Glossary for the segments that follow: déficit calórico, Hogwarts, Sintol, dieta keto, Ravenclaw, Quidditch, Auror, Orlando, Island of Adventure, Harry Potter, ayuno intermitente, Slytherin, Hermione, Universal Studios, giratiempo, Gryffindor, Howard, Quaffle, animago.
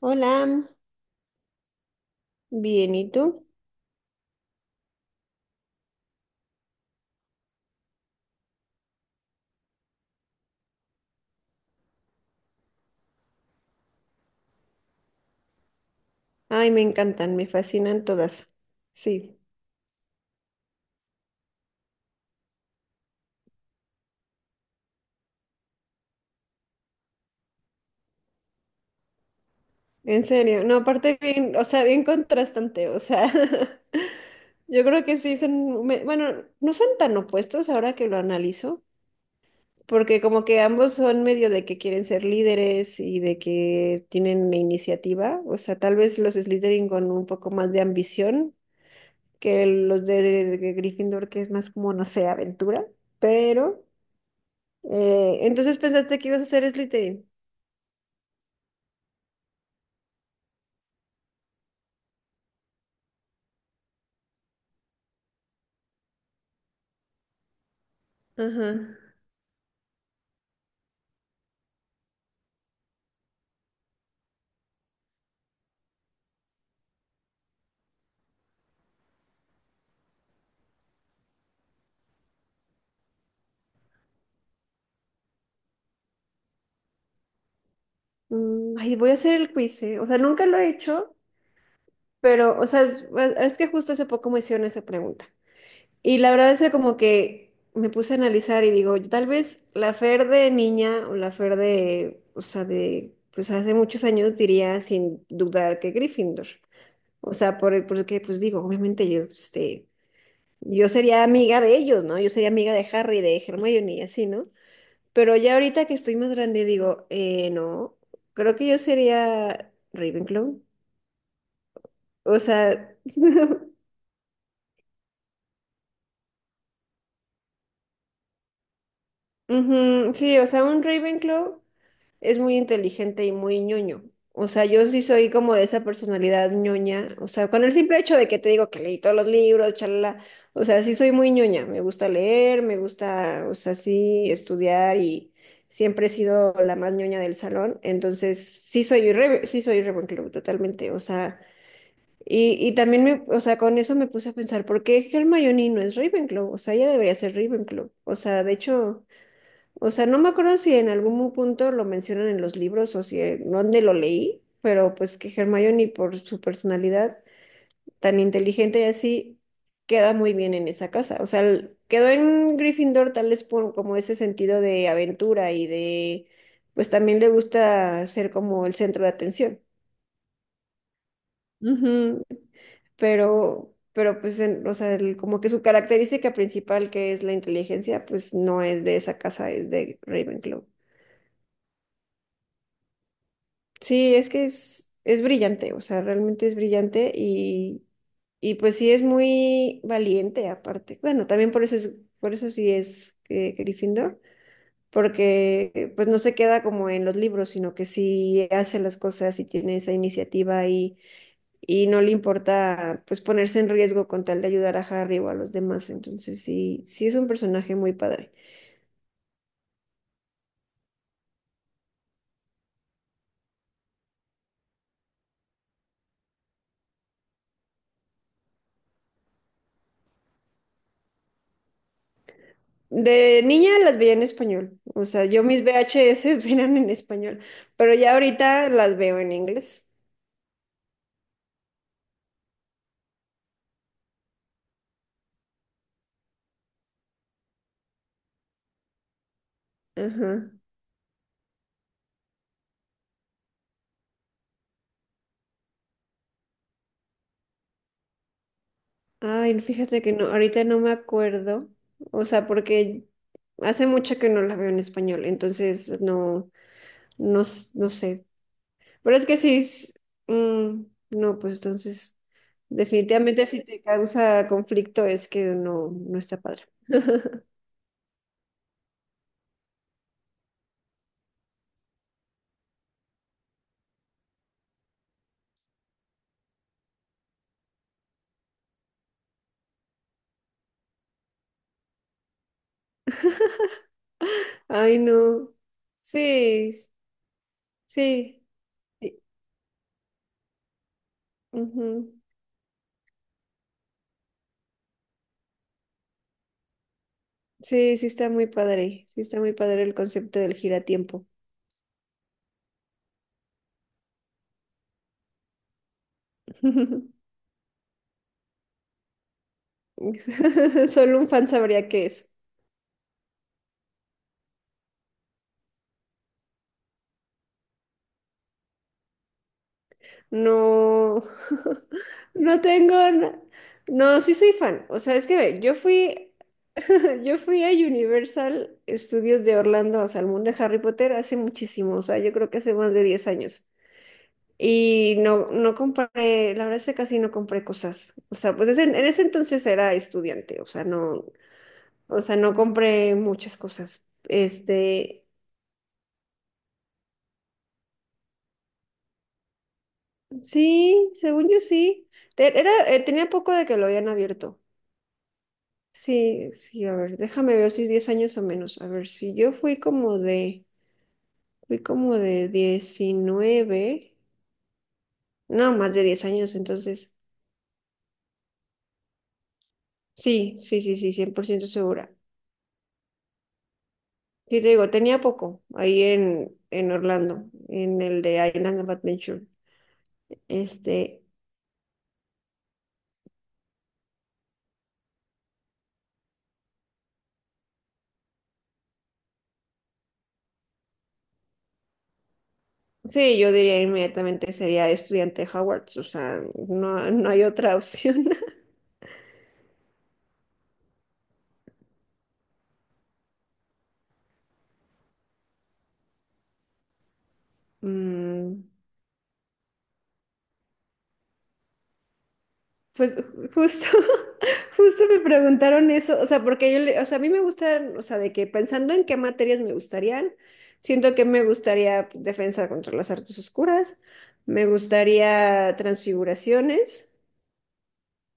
Hola, bien, ¿y tú? Ay, me encantan, me fascinan todas. Sí, en serio. No, aparte bien, o sea, bien contrastante, o sea, yo creo que sí son, bueno, no son tan opuestos ahora que lo analizo, porque como que ambos son medio de que quieren ser líderes y de que tienen iniciativa, o sea, tal vez los Slytherin con un poco más de ambición que los de Gryffindor, que es más como, no sé, aventura, pero... entonces pensaste que ibas a hacer Slytherin. Ajá. Ay, voy a hacer el quiz, ¿eh? O sea, nunca lo he hecho, pero, o sea, es que justo hace poco me hicieron esa pregunta. Y la verdad es que como que me puse a analizar y digo, tal vez la Fer de niña o la Fer de, o sea, de, pues hace muchos años diría sin dudar que Gryffindor. O sea, por, porque, pues digo, obviamente yo, este, yo sería amiga de ellos, ¿no? Yo sería amiga de Harry, de Hermione y así, ¿no? Pero ya ahorita que estoy más grande, digo, no, creo que yo sería Ravenclaw. O sea, ujú, sí, o sea, un Ravenclaw es muy inteligente y muy ñoño. O sea, yo sí soy como de esa personalidad ñoña. O sea, con el simple hecho de que te digo que leí todos los libros, chalala. O sea, sí soy muy ñoña. Me gusta leer, me gusta, o sea, sí, estudiar y siempre he sido la más ñoña del salón. Entonces, sí soy Ravenclaw, totalmente. O sea, y también me, o sea, con eso me puse a pensar, ¿por qué Hermione no es Ravenclaw? O sea, ella debería ser Ravenclaw. O sea, de hecho, o sea, no me acuerdo si en algún punto lo mencionan en los libros o si en dónde lo leí, pero pues que Hermione por su personalidad tan inteligente y así queda muy bien en esa casa. O sea, quedó en Gryffindor tal vez por como ese sentido de aventura y de, pues también le gusta ser como el centro de atención. Ujú, pero pues, o sea, como que su característica principal, que es la inteligencia, pues no es de esa casa, es de Ravenclaw. Sí, es que es brillante, o sea, realmente es brillante y pues sí es muy valiente aparte. Bueno, también por eso es, por eso sí es Gryffindor, porque pues no se queda como en los libros, sino que sí hace las cosas y tiene esa iniciativa y no le importa pues ponerse en riesgo con tal de ayudar a Harry o a los demás. Entonces sí, sí es un personaje muy padre. De niña las veía en español, o sea, yo mis VHS eran en español, pero ya ahorita las veo en inglés. Ajá. Ay, fíjate que no, ahorita no me acuerdo, o sea, porque hace mucho que no la veo en español, entonces no, no sé. Pero es que sí, mm, no, pues entonces, definitivamente si te causa conflicto es que no, no está padre. Ay, no. Sí, sí. Sí, ujú. Sí, sí está muy padre. Sí está muy padre el concepto del giratiempo. Solo un fan sabría qué es. No, no tengo, no, sí soy fan. O sea, es que ve, yo fui a Universal Studios de Orlando, o sea, al mundo de Harry Potter hace muchísimo, o sea, yo creo que hace más de 10 años. Y no, no compré, la verdad es que casi no compré cosas. O sea, pues en ese entonces era estudiante, o sea, no compré muchas cosas. Este, sí, según yo sí. Era, tenía poco de que lo habían abierto. Sí, sí, a ver, déjame ver si es 10 años o menos. A ver, si yo fui como de 19, no, más de 10 años, entonces, sí, sí, sí, sí, 100 por ciento segura. Sí, te digo, tenía poco ahí en Orlando, en el de Island of Adventure. Este, sí, yo diría inmediatamente sería estudiante de Howard, o sea, no, no hay otra opción. Mm, pues justo, justo me preguntaron eso, o sea, porque yo, o sea, a mí me gustan, o sea, de que pensando en qué materias me gustarían, siento que me gustaría defensa contra las artes oscuras, me gustaría transfiguraciones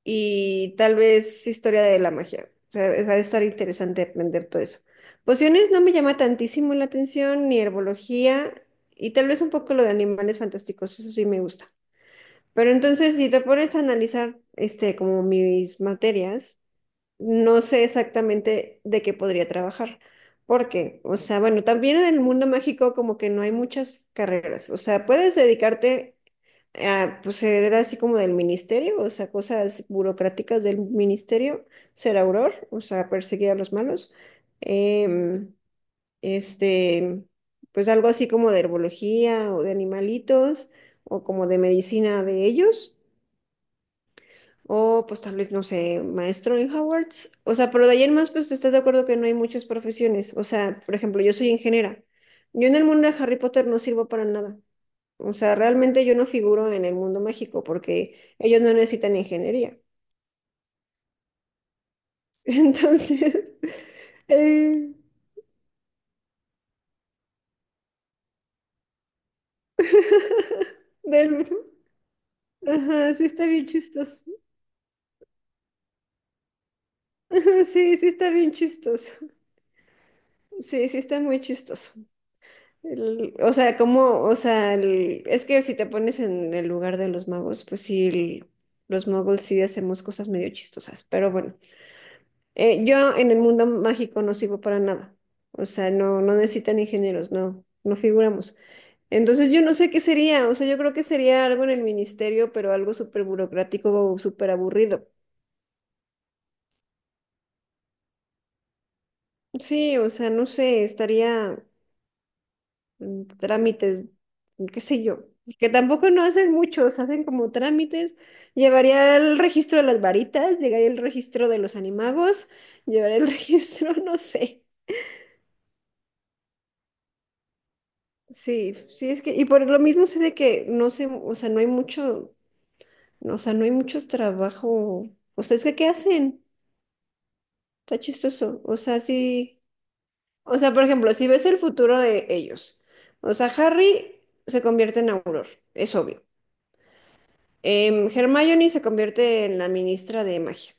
y tal vez historia de la magia, o sea, ha de estar interesante aprender todo eso. Pociones no me llama tantísimo la atención, ni herbología, y tal vez un poco lo de animales fantásticos, eso sí me gusta. Pero entonces, si te pones a analizar, este, como mis materias, no sé exactamente de qué podría trabajar. Porque, o sea, bueno, también en el mundo mágico como que no hay muchas carreras. O sea, puedes dedicarte a, pues, ser así como del ministerio, o sea, cosas burocráticas del ministerio, ser auror, o sea, perseguir a los malos. Em, este, pues algo así como de herbología o de animalitos o como de medicina de ellos. O pues tal vez, no sé, maestro en Hogwarts. O sea, pero de ahí en más, pues estás de acuerdo que no hay muchas profesiones. O sea, por ejemplo, yo soy ingeniera. Yo en el mundo de Harry Potter no sirvo para nada. O sea, realmente yo no figuro en el mundo mágico porque ellos no necesitan ingeniería. Entonces, eh, del- ajá, sí está bien chistoso. Sí, sí está bien chistoso. Sí, sí está muy chistoso. O sea, como, o sea, es que si te pones en el lugar de los magos, pues sí, los magos sí hacemos cosas medio chistosas, pero bueno, yo en el mundo mágico no sirvo para nada, o sea, no, no necesitan ingenieros, no, no figuramos. Entonces yo no sé qué sería, o sea, yo creo que sería algo en el ministerio, pero algo súper burocrático o súper aburrido. Sí, o sea, no sé, estaría... trámites, qué sé yo, que tampoco no hacen muchos, hacen como trámites. Llevaría el registro de las varitas, llegaría el registro de los animagos, llevaría el registro, no sé. Sí, sí es que, y por lo mismo sé de que no sé, o sea, no hay mucho, o sea, no hay mucho trabajo. O sea, es que ¿qué hacen? Está chistoso. O sea, sí. O sea, por ejemplo, si ves el futuro de ellos, o sea, Harry se convierte en Auror, es obvio. Hermione se convierte en la ministra de magia.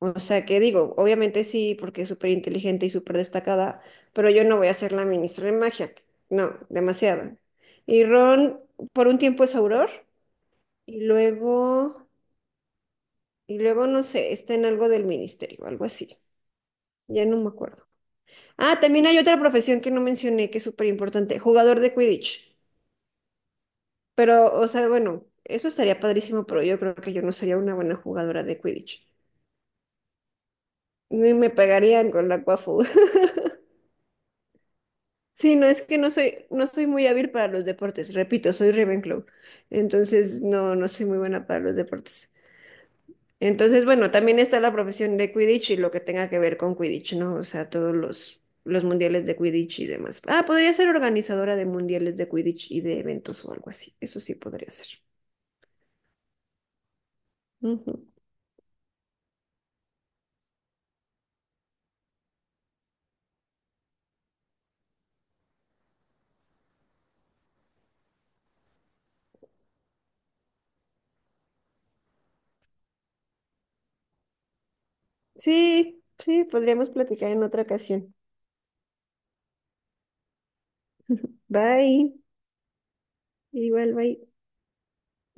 O sea que digo, obviamente sí, porque es súper inteligente y súper destacada, pero yo no voy a ser la ministra de magia. No, demasiado. Y Ron por un tiempo es Auror y luego, y luego no sé, está en algo del ministerio, algo así. Ya no me acuerdo. Ah, también hay otra profesión que no mencioné que es súper importante, jugador de Quidditch. Pero, o sea, bueno, eso estaría padrísimo, pero yo creo que yo no sería una buena jugadora de Quidditch. Ni me pegarían con la Quaffle. Sí, no, es que no soy, no soy muy hábil para los deportes. Repito, soy Ravenclaw. Entonces, no, no soy muy buena para los deportes. Entonces, bueno, también está la profesión de Quidditch y lo que tenga que ver con Quidditch, ¿no? O sea, todos los mundiales de Quidditch y demás. Ah, podría ser organizadora de mundiales de Quidditch y de eventos o algo así. Eso sí podría ser. Ujú. Sí, sí, podríamos platicar en otra ocasión. Bye. Igual, bye.